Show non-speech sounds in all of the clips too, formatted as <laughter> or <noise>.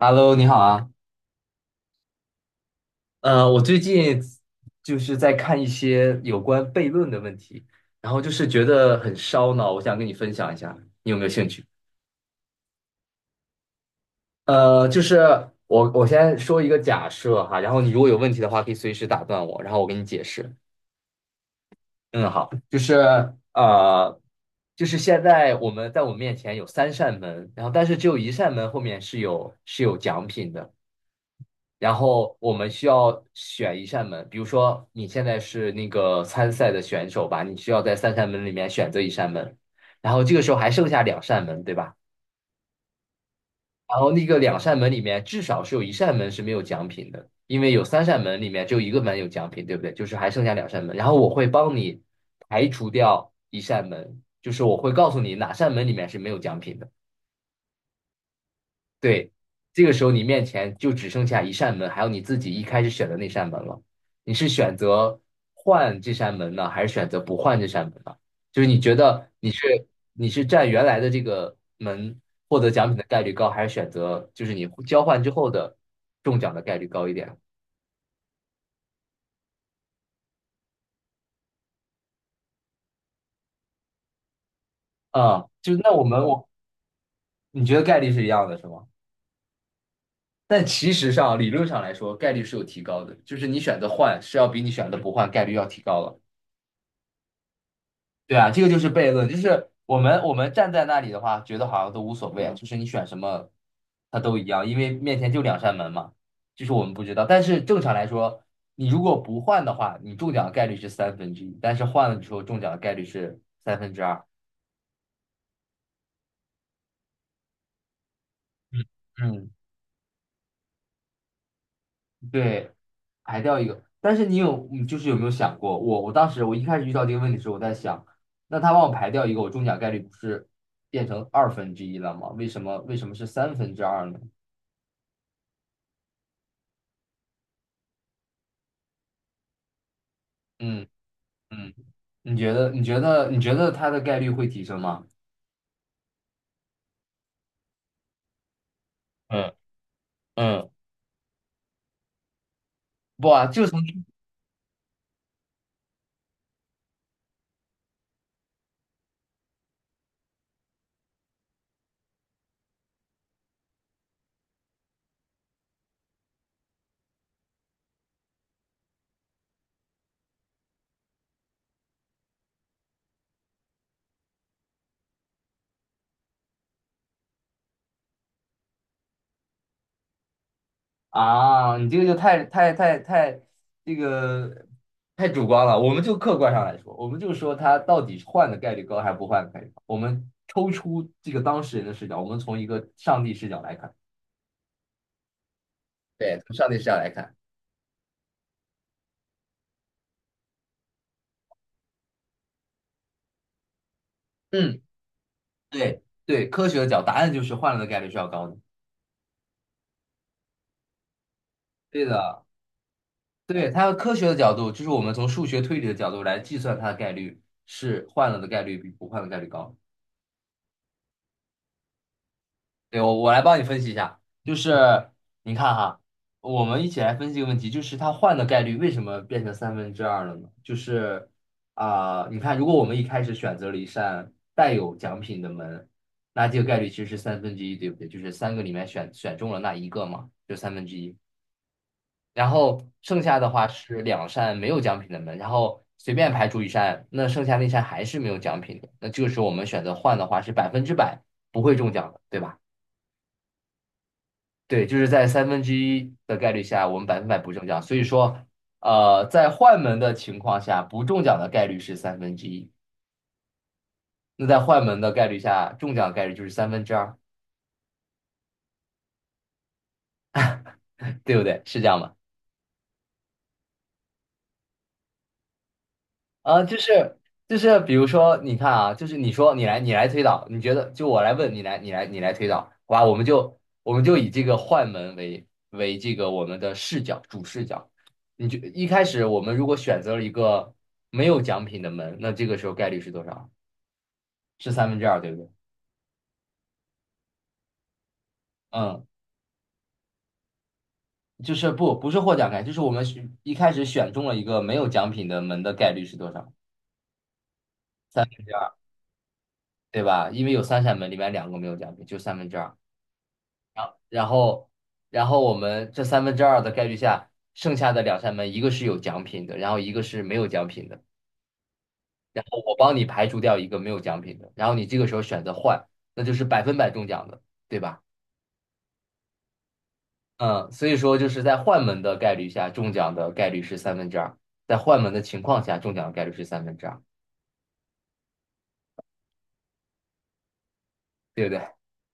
Hello，你好啊。我最近就是在看一些有关悖论的问题，然后就是觉得很烧脑，我想跟你分享一下，你有没有兴趣？就是我先说一个假设哈，然后你如果有问题的话，可以随时打断我，然后我给你解释。嗯，好，呃，就是现在我们面前有三扇门，然后但是只有一扇门后面是有奖品的。然后我们需要选一扇门，比如说你现在是那个参赛的选手吧，你需要在三扇门里面选择一扇门，然后这个时候还剩下两扇门，对吧？然后那个两扇门里面至少是有一扇门是没有奖品的，因为有三扇门里面只有一个门有奖品，对不对？就是还剩下两扇门，然后我会帮你排除掉一扇门，就是我会告诉你哪扇门里面是没有奖品的。对，这个时候你面前就只剩下一扇门，还有你自己一开始选的那扇门了。你是选择换这扇门呢，还是选择不换这扇门呢？就是你觉得你是占原来的这个门获得奖品的概率高，还是选择就是你交换之后的中奖的概率高一点？啊、就那我们我你觉得概率是一样的，是吗？但其实上理论上来说，概率是有提高的，就是你选择换是要比你选择不换概率要提高了。对啊，这个就是悖论，就是我们站在那里的话，觉得好像都无所谓，就是你选什么，它都一样，因为面前就两扇门嘛，就是我们不知道。但是正常来说，你如果不换的话，你中奖的概率是三分之一，但是换了之后中奖的概率是三分之二。嗯，对，排掉一个。但是你有，你就是有没有想过，我我当时我一开始遇到这个问题的时候，我在想，那他帮我排掉一个，我中奖概率不是变成二分之一了吗？为什么是三分之二呢？嗯嗯。你觉得他的概率会提升吗？嗯嗯，不啊，就从啊，你这个就太这个太主观了。我们就客观上来说，我们就说他到底换的概率高还是不换的概率高。我们抽出这个当事人的视角，我们从一个上帝视角来看，对，从上帝视角来看。嗯，对对，科学的角，答案就是换了的概率是要高的。对的，对，它的科学的角度，就是我们从数学推理的角度来计算它的概率是换了的概率比不换的概率高。对，我来帮你分析一下，就是你看哈，我们一起来分析一个问题，就是它换的概率为什么变成三分之二了呢？你看，如果我们一开始选择了一扇带有奖品的门，那这个概率其实是三分之一，对不对？就是三个里面选中了那一个嘛，就三分之一。然后剩下的话是两扇没有奖品的门，然后随便排除一扇，那剩下那扇还是没有奖品的。那这个时候我们选择换的话是百分之百不会中奖的，对吧？对，就是在三分之一的概率下，我们百分百不中奖。所以说，在换门的情况下，不中奖的概率是三分之一，那在换门的概率下，中奖的概率就是三分之二，对不对？是这样吗？啊，就是就是，比如说，你看啊，就是你说你来你来推导，你觉得就我来问你来推导，好吧？我们就以这个换门为这个我们的主视角。你就一开始我们如果选择了一个没有奖品的门，那这个时候概率是多少？是三分之二，对不对？嗯，就是不是获奖概率，就是我们选一开始选中了一个没有奖品的门的概率是多少？三分之二，对吧？因为有三扇门，里面两个没有奖品，就三分之二。然后，然后我们这三分之二的概率下，剩下的两扇门，一个是有奖品的，然后一个是没有奖品的。然后我帮你排除掉一个没有奖品的，然后你这个时候选择换，那就是百分百中奖的，对吧？嗯，所以说就是在换门的概率下，中奖的概率是三分之二，在换门的情况下，中奖的概率是三分之二，对不对？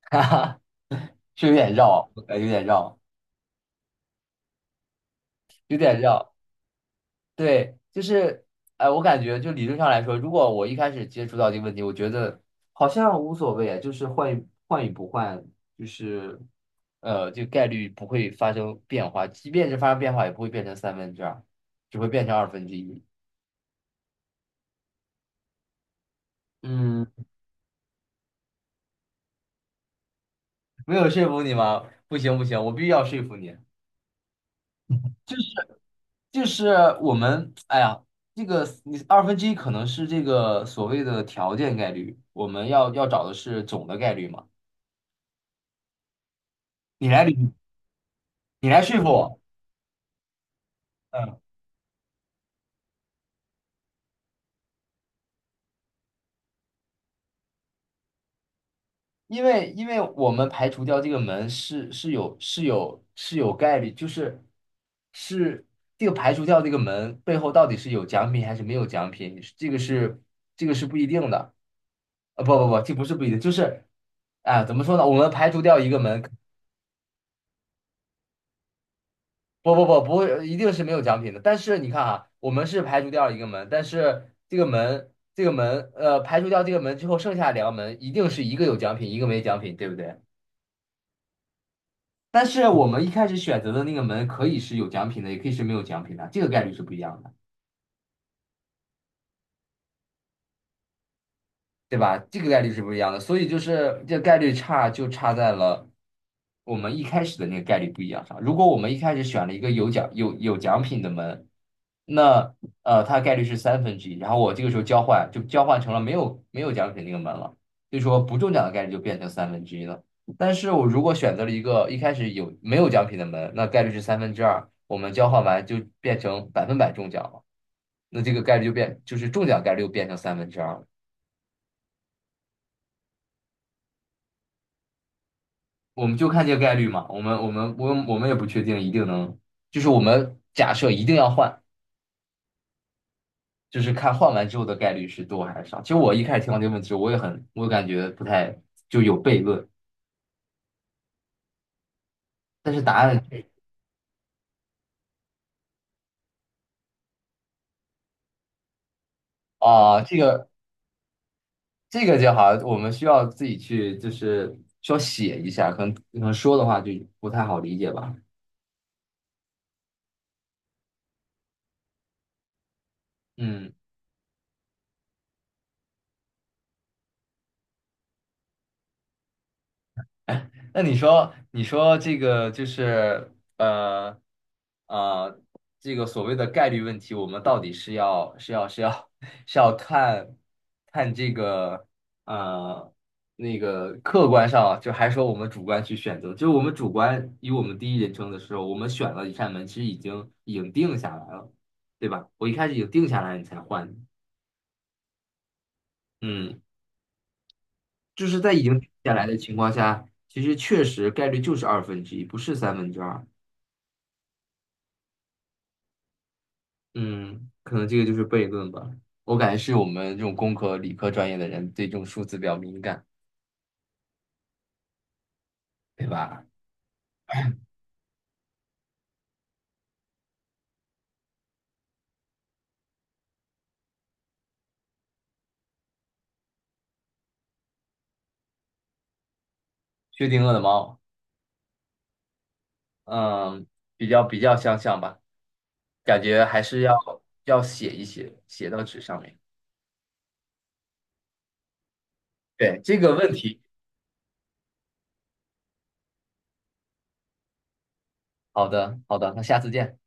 <laughs> 哈哈，是有点绕，有点绕，有点绕。对，就是，哎，我感觉就理论上来说，如果我一开始接触到这个问题，我觉得好像无所谓啊，就是换与不换，就是，这个概率不会发生变化，即便是发生变化，也不会变成三分之二，只会变成二分之一。嗯，没有说服你吗？不行不行，我必须要说服你。就是就是我们，哎呀，这个你二分之一可能是这个所谓的条件概率，我们要找的是总的概率嘛。你来捋。你来说服我。嗯，因为我们排除掉这个门是是有是有是有概率，就是这个排除掉这个门背后到底是有奖品还是没有奖品，这个是不一定的，啊不，这不是不一定，就是啊怎么说呢？我们排除掉一个门，不会，一定是没有奖品的。但是你看啊，我们是排除掉一个门，但是这个门这个门呃排除掉这个门之后，剩下两个门一定是一个有奖品，一个没奖品，对不对？但是我们一开始选择的那个门可以是有奖品的，也可以是没有奖品的，这个概率是不一样的。对吧？这个概率是不一样的，所以就是这个概率差就差在了我们一开始的那个概率不一样上。如果我们一开始选了一个有奖品的门，那它概率是三分之一，然后我这个时候交换就交换成了没有奖品那个门了，所以说不中奖的概率就变成三分之一了。但是我如果选择了一个一开始没有奖品的门，那概率是三分之二，我们交换完就变成百分百中奖了，那这个概率就是中奖概率又变成三分之二了。我们就看这个概率嘛，我们也不确定一定能，就是我们假设一定要换，就是看换完之后的概率是多还是少。其实我一开始听到这个问题，我也很，我感觉不太有悖论，但是答案啊、这个这个就好像我们需要自己去就是需要写一下，可能说的话就不太好理解吧。嗯。那你说，你说这个就是呃，这个所谓的概率问题，我们到底是要是要是要 <laughs> 是要看这个呃那个客观上啊，就还说我们主观去选择，就是我们主观以我们第一人称的时候，我们选了一扇门，其实已经定下来了，对吧？我一开始已经定下来，你才换，嗯，就是在已经定下来的情况下，其实确实概率就是二分之一，不是三分之二。嗯，可能这个就是悖论吧。我感觉是我们这种工科、理科专业的人对这种数字比较敏感，对吧？薛定谔的猫，嗯，比较相像吧，感觉还是要写一写，写到纸上面。对，这个问题，好的好的，那下次见。